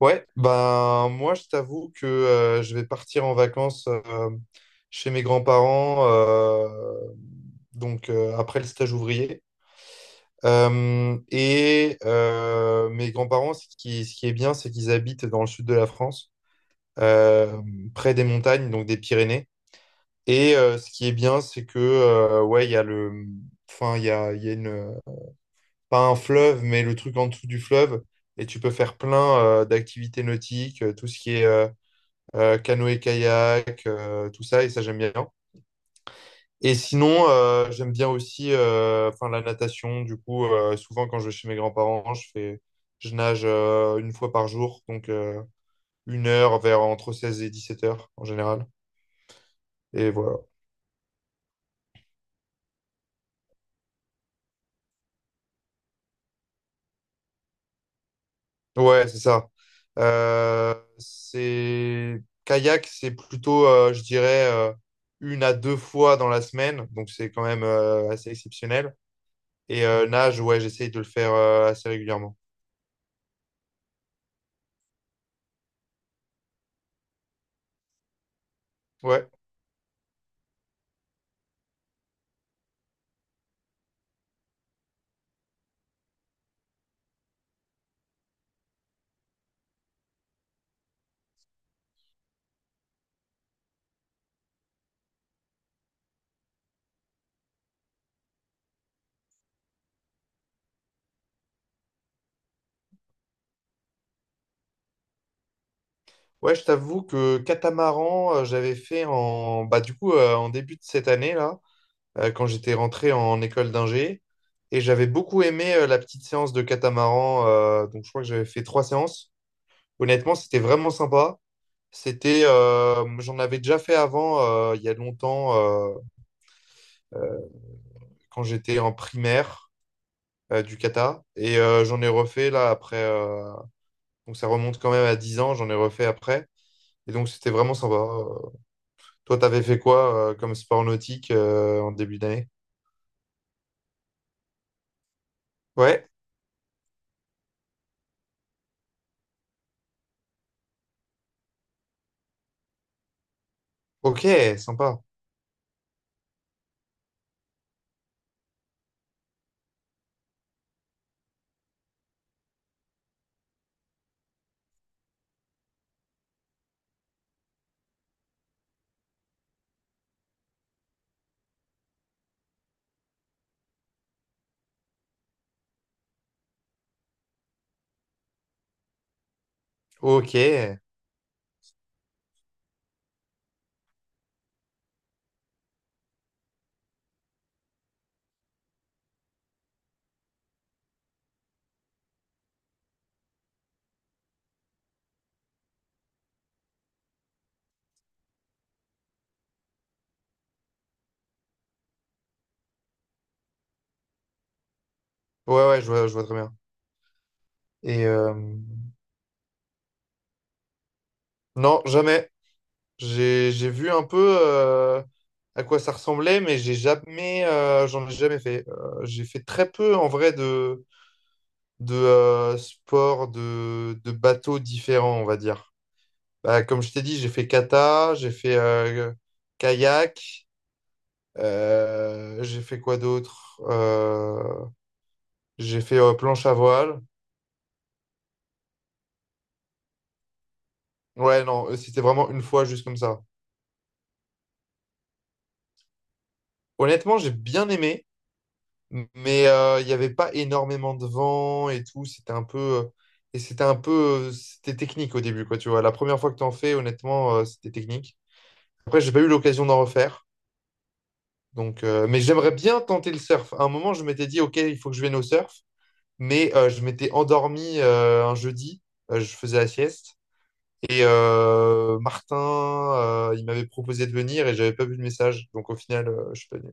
Ouais, ben moi je t'avoue que je vais partir en vacances chez mes grands-parents donc après le stage ouvrier. Et mes grands-parents, ce qui est bien, c'est qu'ils habitent dans le sud de la France, euh, près des montagnes, donc des Pyrénées. Et ce qui est bien, c'est que ouais, il y a enfin il y a une, pas un fleuve, mais le truc en dessous du fleuve, et tu peux faire plein d'activités nautiques, tout ce qui est canoë-kayak, tout ça, et ça, j'aime bien. Et sinon, j'aime bien aussi enfin, la natation. Du coup, souvent, quand je vais chez mes grands-parents, je nage une fois par jour, donc 1 heure vers entre 16 et 17 heures en général. Et voilà. Ouais, c'est ça. C'est kayak, c'est plutôt, je dirais, une à deux fois dans la semaine, donc c'est quand même assez exceptionnel. Et nage, ouais, j'essaye de le faire assez régulièrement. Ouais. Ouais, je t'avoue que catamaran, j'avais fait en bah du coup en début de cette année là, quand j'étais rentré en école d'ingé, et j'avais beaucoup aimé la petite séance de catamaran. Donc je crois que j'avais fait trois séances. Honnêtement, c'était vraiment sympa. C'était, j'en avais déjà fait avant il y a longtemps euh, euh, quand j'étais en primaire du kata, et j'en ai refait là après. Donc ça remonte quand même à 10 ans, j'en ai refait après, et donc c'était vraiment sympa. Toi, t'avais fait quoi comme sport nautique en début d'année? Ouais, ok, sympa. Ok. Ouais, ouais, je vois très bien. Et non, jamais. J'ai vu un peu à quoi ça ressemblait, mais j'ai jamais, j'en ai jamais fait. J'ai fait très peu en vrai de sports de bateaux différents, on va dire. Bah, comme je t'ai dit, j'ai fait kata, j'ai fait kayak, j'ai fait quoi d'autre? J'ai fait planche à voile. Ouais, non, c'était vraiment une fois juste comme ça. Honnêtement, j'ai bien aimé, mais il n'y avait pas énormément de vent et tout. C'était un peu. Et c'était un peu. C'était technique au début, quoi, tu vois. La première fois que t'en fais, honnêtement, c'était technique. Après, j'ai pas eu l'occasion d'en refaire. Donc, mais j'aimerais bien tenter le surf. À un moment, je m'étais dit, OK, il faut que je vienne au surf. Mais je m'étais endormi un jeudi. Je faisais la sieste. Et Martin, il m'avait proposé de venir et j'avais pas vu le message. Donc au final, je suis pas venu.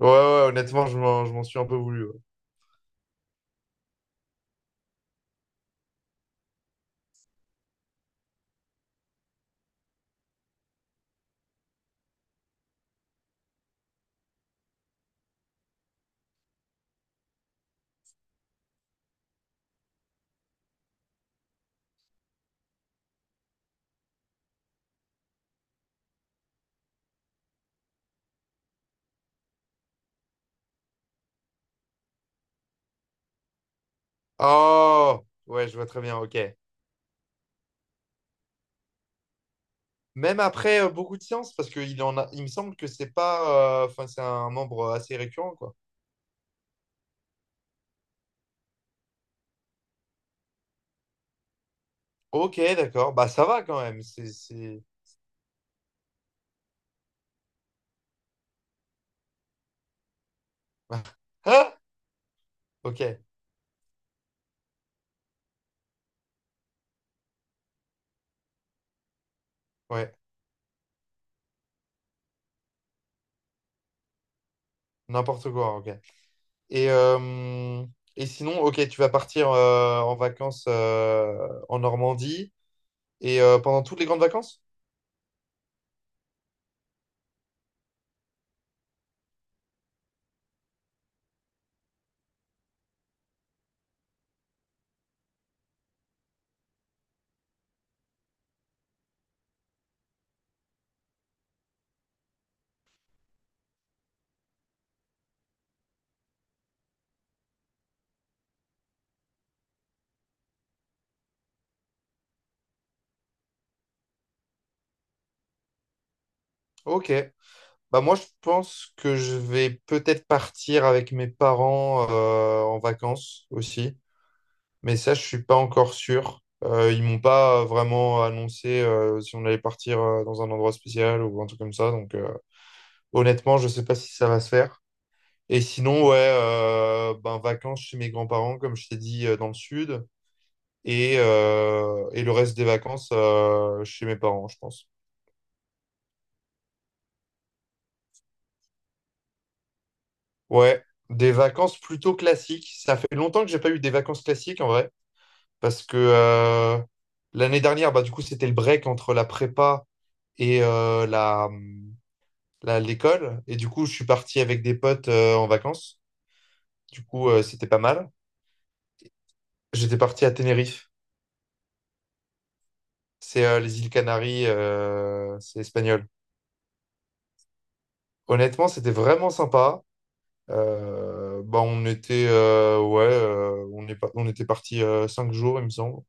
Ouais, ouais, ouais, honnêtement, je m'en suis un peu voulu. Ouais. Oh! Ouais, je vois très bien, ok. Même après beaucoup de séances, parce qu'il en a, il me semble que c'est pas, enfin, c'est un membre assez récurrent, quoi. Ok, d'accord. Bah, ça va quand même. C'est... Ah! Ok, ouais. N'importe quoi, ok. Et, euh, et sinon, ok, tu vas partir en vacances en Normandie. Et pendant toutes les grandes vacances? Ok. Bah moi, je pense que je vais peut-être partir avec mes parents en vacances aussi. Mais ça, je suis pas encore sûr. Ils m'ont pas vraiment annoncé si on allait partir dans un endroit spécial ou un truc comme ça. Donc honnêtement, je sais pas si ça va se faire. Et sinon, ouais, ben, vacances chez mes grands-parents, comme je t'ai dit, dans le sud. Et le reste des vacances chez mes parents, je pense. Ouais, des vacances plutôt classiques. Ça fait longtemps que j'ai pas eu des vacances classiques en vrai, parce que l'année dernière, bah, du coup, c'était le break entre la prépa et l'école. Et du coup, je suis parti avec des potes en vacances. Du coup, c'était pas mal. J'étais parti à Tenerife. C'est les îles Canaries, c'est espagnol. Honnêtement, c'était vraiment sympa. Bah, on était, ouais, on était parti 5 jours, il me semble.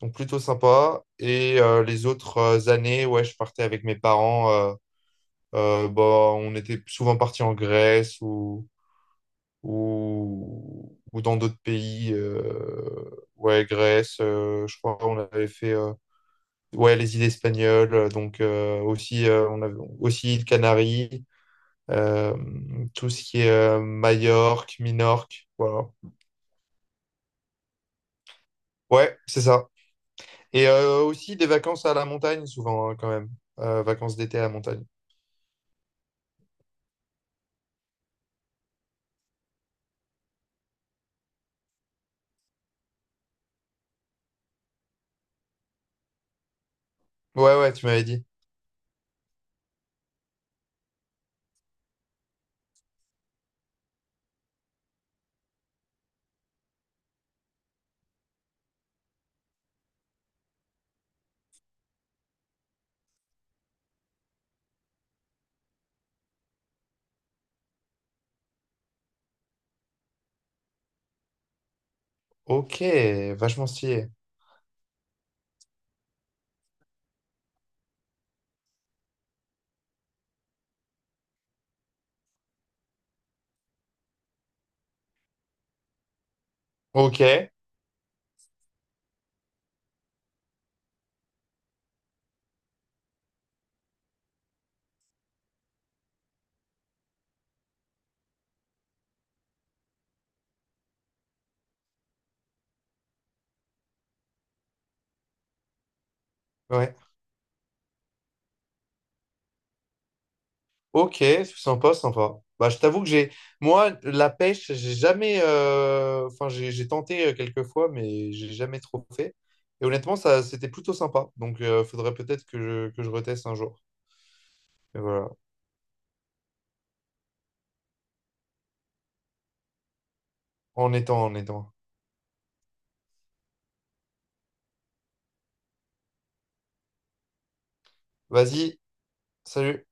Donc plutôt sympa. Et les autres années, ouais, je partais avec mes parents. Bah, on était souvent partis en Grèce ou dans d'autres pays. Ouais, Grèce, je crois on avait fait ouais, les îles espagnoles. Donc aussi, on avait aussi îles Canaries, euh, tout ce qui est Majorque, Minorque. Voilà. Ouais, c'est ça. Et aussi des vacances à la montagne souvent hein, quand même. Vacances d'été à la montagne. Ouais, ouais, tu m'avais dit. Ok, vachement stylé. Ok, ouais. Ok, sympa, sympa. Bah, je t'avoue que j'ai... Moi, la pêche, j'ai jamais... Enfin, j'ai tenté quelques fois, mais j'ai jamais trop fait. Et honnêtement, ça, c'était plutôt sympa. Donc, faudrait peut-être que je reteste un jour. Et voilà. En étant, en étant. Vas-y, salut.